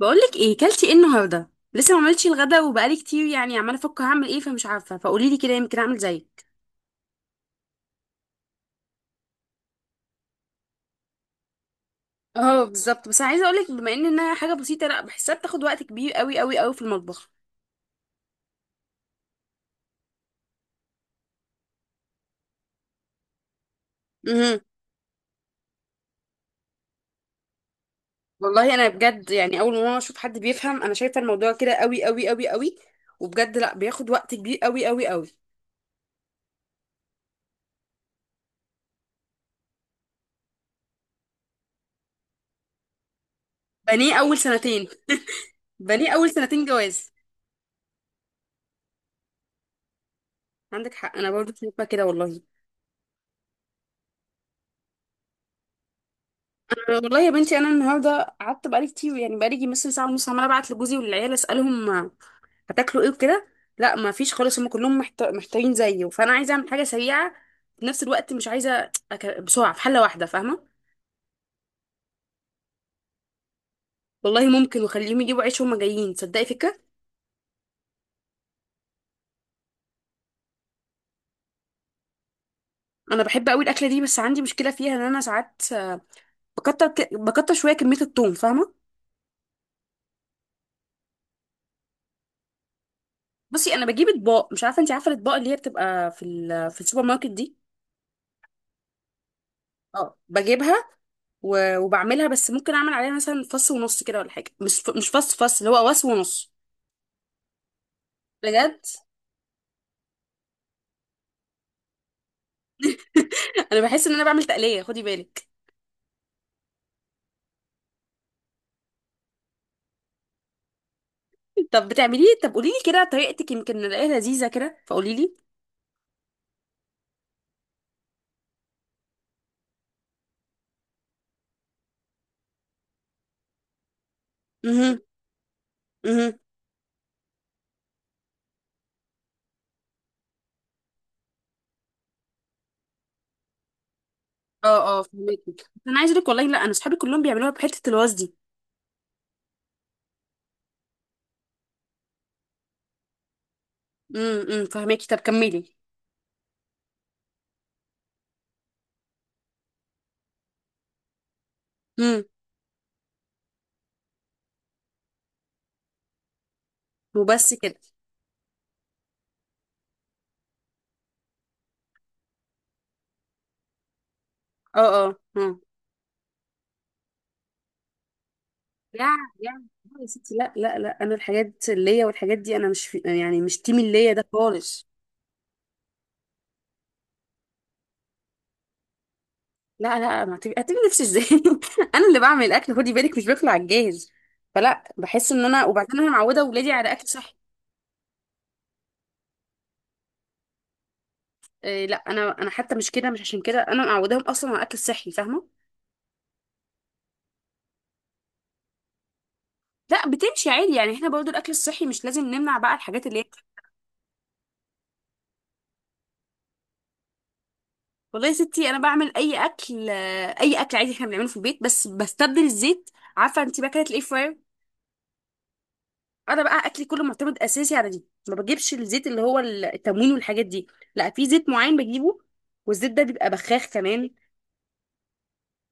بقولك ايه، كلتي ايه النهارده؟ لسه ما عملتش الغدا وبقالي كتير، يعني عماله افكر هعمل ايه، فمش عارفه، فقولي لي كده يمكن اعمل زيك. اه بالظبط، بس انا عايزه اقولك بما ان انها حاجه بسيطه، لا بحسها بتاخد وقت كبير قوي قوي قوي في المطبخ. امم. والله انا بجد، يعني اول ما اشوف حد بيفهم انا شايفه الموضوع كده قوي قوي قوي قوي. وبجد لا، بياخد وقت كبير قوي قوي قوي. بنيه اول سنتين. بنيه اول سنتين جواز. عندك حق، انا برضه شايفه كده والله. والله يا بنتي، انا النهارده قعدت بقالي كتير، يعني بقالي يجي مثلا ساعه ونص عماله ابعت لجوزي والعيال اسالهم هتاكلوا ايه وكده. لا، ما فيش خالص، هم كلهم محتارين زيي، فانا عايزه اعمل حاجه سريعه. في نفس الوقت مش عايزه بسرعه في حله واحده، فاهمه؟ والله ممكن، وخليهم يجيبوا عيش وهم جايين، تصدقي فكره. انا بحب قوي الاكله دي، بس عندي مشكله فيها ان انا ساعات بكتر شويه كميه الثوم، فاهمه؟ بصي، انا بجيب اطباق، مش عارفه انت عارفه الاطباق اللي هي بتبقى في السوبر ماركت دي؟ اه، بجيبها. و... وبعملها، بس ممكن اعمل عليها مثلا فص ونص كده ولا حاجه، مش فص فص اللي هو واس ونص. بجد. انا بحس ان انا بعمل تقليه، خدي بالك. طب بتعمليه؟ طب قولي لي كده طريقتك، يمكن نلاقيها لذيذه كده، فقولي لي. امم، امم. اه، اه، فهماكي، بس انا عايزه اقول لك والله، لا انا صحابي كلهم بيعملوها بحته الواز دي. امم، فهماكي، طب كملي. امم. وبس كده. اه، اه. اه، يا يا لا، يا ستي، لا، لا، لا، انا الحاجات اللي هي والحاجات دي انا مش في، يعني مش تيم اللي هي ده خالص. لا، لا، ما هتبقي نفسي ازاي. انا اللي بعمل اكل، خدي بالك، مش باكل على الجاهز. فلا بحس ان انا، وبعدين انا معوده اولادي على اكل صحي. إيه لا، انا حتى مش كده، مش عشان كده انا معوداهم اصلا على الاكل الصحي، فاهمه؟ لا، بتمشي عادي، يعني احنا برضو الاكل الصحي مش لازم نمنع بقى الحاجات اللي هي. والله يا ستي، انا بعمل اي اكل اي اكل عادي احنا بنعمله في البيت، بس بستبدل الزيت. عارفه انت بقى الاير فراير؟ انا بقى اكلي كله معتمد اساسي على دي، ما بجيبش الزيت اللي هو التموين والحاجات دي. لا، في زيت معين بجيبه. والزيت ده بيبقى بخاخ كمان.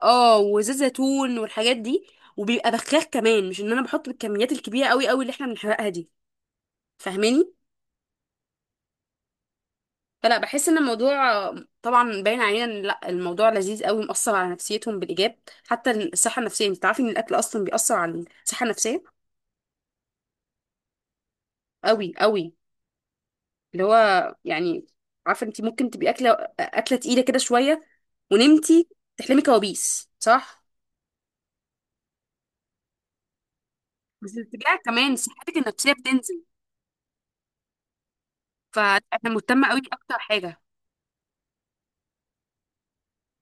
اه، وزيت زيتون والحاجات دي. وبيبقى بخاخ كمان، مش ان انا بحط بالكميات الكبيره قوي قوي اللي احنا بنحرقها دي. فاهماني؟ فلا بحس ان الموضوع. طبعا باين علينا ان لا، الموضوع لذيذ قوي، مؤثر على نفسيتهم بالايجاب. حتى الصحه النفسيه، انت عارفه ان الاكل اصلا بيأثر على الصحه النفسيه قوي قوي. اللي هو يعني، عارفه انت ممكن تبقي اكله تقيله كده شويه، ونمتي تحلمي كوابيس، صح؟ بس الاتجاه كمان صحتك النفسيه بتنزل. فانا مهتمه قوي اكتر حاجه.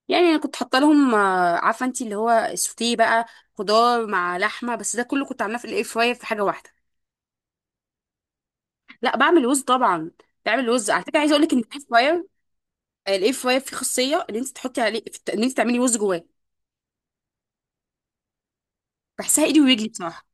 يعني انا كنت حاطه لهم عارفه انت اللي هو السوتيه بقى؟ خضار مع لحمه، بس ده كله كنت عاملاه في الاير فراير في حاجه واحده. لا، بعمل وز طبعا. بعمل وز، على فكره عايزه اقول لك ان الاير فراير. الاير فراير فيه خاصيه ان انت تحطي عليه، ان انت تعملي وز جواه. بحسها ايدي ورجلي بصراحه.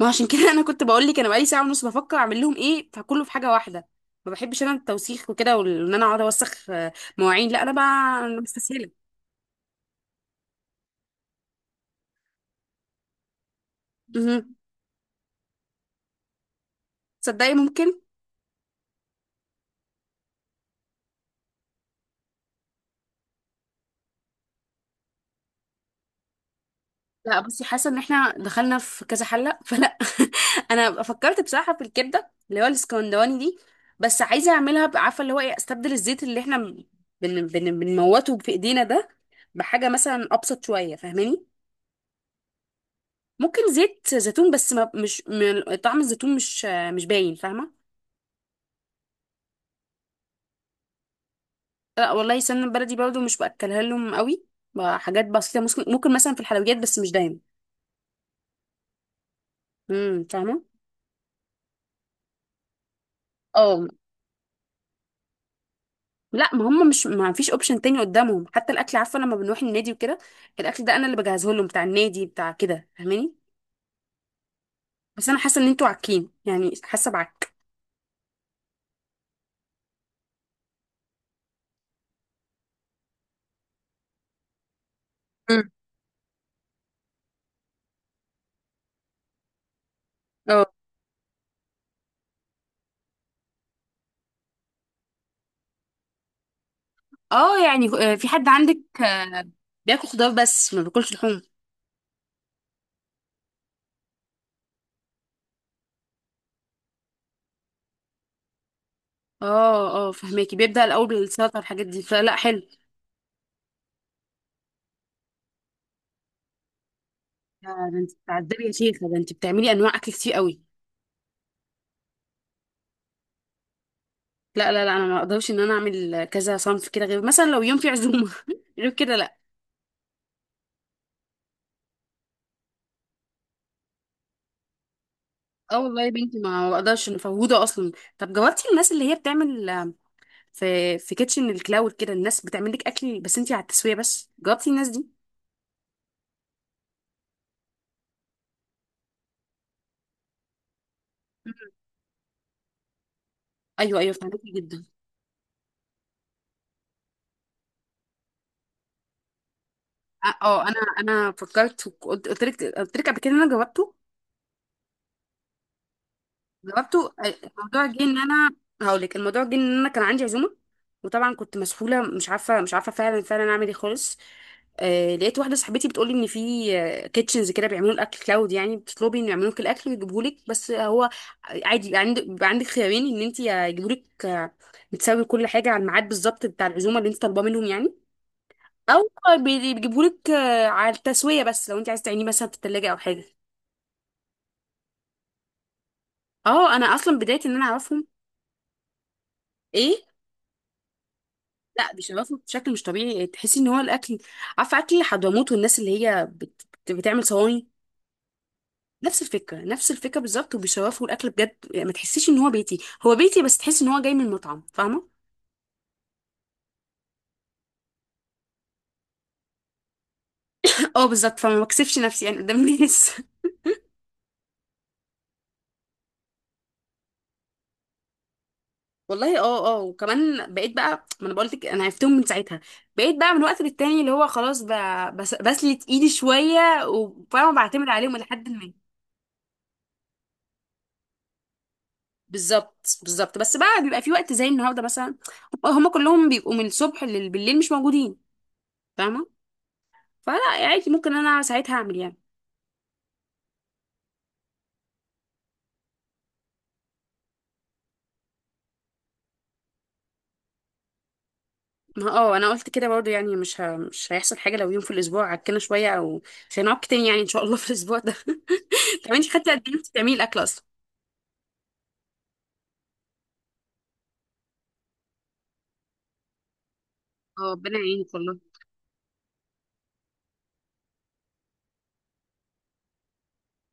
ما عشان كده انا كنت بقول لك، انا بقالي ساعه ونص بفكر اعمل لهم ايه، فكله في حاجه واحده. ما بحبش انا التوسيخ وكده، وان انا اقعد اوسخ مواعين، لا انا بقى أنا مستسهله. مهم. تصدقي ممكن. لا بصي، حاسه ان احنا دخلنا في كذا حله، فلا. انا فكرت بصراحه في الكبده اللي هو الاسكندراني دي. بس عايزه اعملها عارفه اللي هو ايه، استبدل الزيت اللي احنا بن بن بنموته في ايدينا ده بحاجه مثلا ابسط شويه، فاهماني؟ ممكن زيت زيتون، بس ما مش طعم الزيتون مش باين، فاهمه؟ لا والله، سمنه بلدي برضو مش باكلها لهم قوي. بقى حاجات بسيطه ممكن مثلا في الحلويات، بس مش دايما. امم، فاهمه. اه. لا، ما هم مش، ما فيش اوبشن تاني قدامهم، حتى الاكل عارفه لما بنروح النادي وكده. الاكل ده انا اللي بجهزه لهم بتاع النادي بتاع كده، فاهماني. بس انا حاسه ان انتوا عاكين، يعني حاسه بعك. مم. اه، اه، يعني في حد عندك بياكل خضار، بس ما بياكلش لحوم؟ اه، اه، فهماكي، بيبدا الاول بالسلطه والحاجات دي، فلا حلو. آه، ده انت بتعذبي يا شيخه، ده انت بتعملي انواع اكل كتير قوي. لا، لا، لا، انا ما اقدرش ان انا اعمل كذا صنف كده، غير مثلا لو يوم في عزومه غير كده لا. اه والله يا بنتي، ما بقدرش، مفوضه اصلا. طب جاوبتي الناس اللي هي بتعمل في كيتشن الكلاود كده، الناس بتعمل لك اكل بس انتي على التسويه، بس جاوبتي الناس دي؟ مم. ايوه، ايوه، فهمتني جدا. اه، انا فكرت، قلت لك قبل كده إن انا جاوبته. جاوبته، الموضوع جه ان انا. هقول لك، الموضوع جه ان انا كان عندي عزومه. وطبعا كنت مسحوله، مش عارفه فعلا فعلا اعمل ايه خالص. آه، لقيت واحده صاحبتي بتقولي ان في كيتشنز كده بيعملوا الاكل كلاود، يعني بتطلبي ان يعملوا لك الاكل ويجيبوه لك، بس هو عادي يبقى عندك خيارين، ان انت يجيبوا لك بتساوي كل حاجه على الميعاد بالظبط بتاع العزومه اللي انت طالباه منهم يعني. او بيجيبوا لك على التسويه، بس لو انت عايزه تعينيه مثلا في التلاجة او حاجه. اه، انا اصلا بدايه ان انا اعرفهم. ايه؟ لا، بيشرفوا بشكل مش طبيعي، تحسي ان هو الاكل. عارفه اكل حضرموت والناس اللي هي بتعمل صواني. نفس الفكره نفس الفكره بالظبط، وبيشرفوا الاكل بجد، يعني ما تحسيش ان هو بيتي هو بيتي، بس تحس ان هو جاي من مطعم، فاهمه؟ اه، بالظبط، فما بكسفش نفسي يعني قدام الناس والله، اه، اه، وكمان بقيت بقى، ما انا بقولت لك انا عرفتهم من ساعتها. بقيت بقى من وقت للتاني اللي هو خلاص. بسلت ايدي شويه، وفاهمه، بعتمد عليهم لحد ما. بالظبط بالظبط، بس بقى بيبقى في وقت زي النهارده مثلا. هما كلهم بيبقوا من الصبح للبالليل مش موجودين. فاهمه؟ فلا عادي، ممكن انا ساعتها اعمل يعني. ما اه، انا قلت كده برضو، يعني مش هيحصل حاجه لو يوم في الاسبوع عكنا شويه او. مش هنعك تاني، يعني ان شاء الله في الاسبوع ده. طب انت خدتي قد ايه، إنتي بتعملي الاكل اصلا؟ اه، ربنا يعينك والله.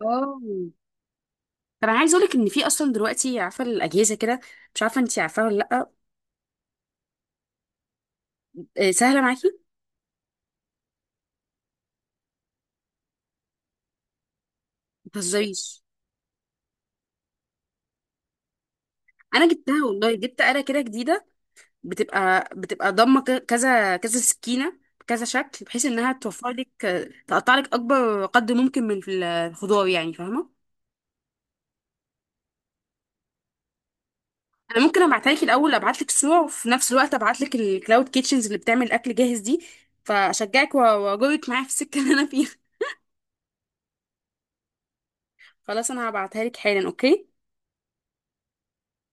اه، طب انا عايزه اقول لك ان في اصلا دلوقتي عارفه الاجهزه كده. مش عارفه انت عارفاها ولا لا؟ آه، سهله معاكي. ما تهزريش. انا جبتها والله، جبت آلة كده جديده. بتبقى ضامه كذا كذا سكينه بكذا شكل، بحيث انها توفر لك. تقطع لك اكبر قدر ممكن من الخضار، يعني فاهمه. انا ممكن ابعتها لك الاول، ابعت لك صور، وفي نفس الوقت ابعت لك الكلاود كيتشنز اللي بتعمل اكل جاهز دي، فاشجعك واجرك معايا في السكه اللي انا فيها. خلاص، انا هبعتها لك حالا، اوكي.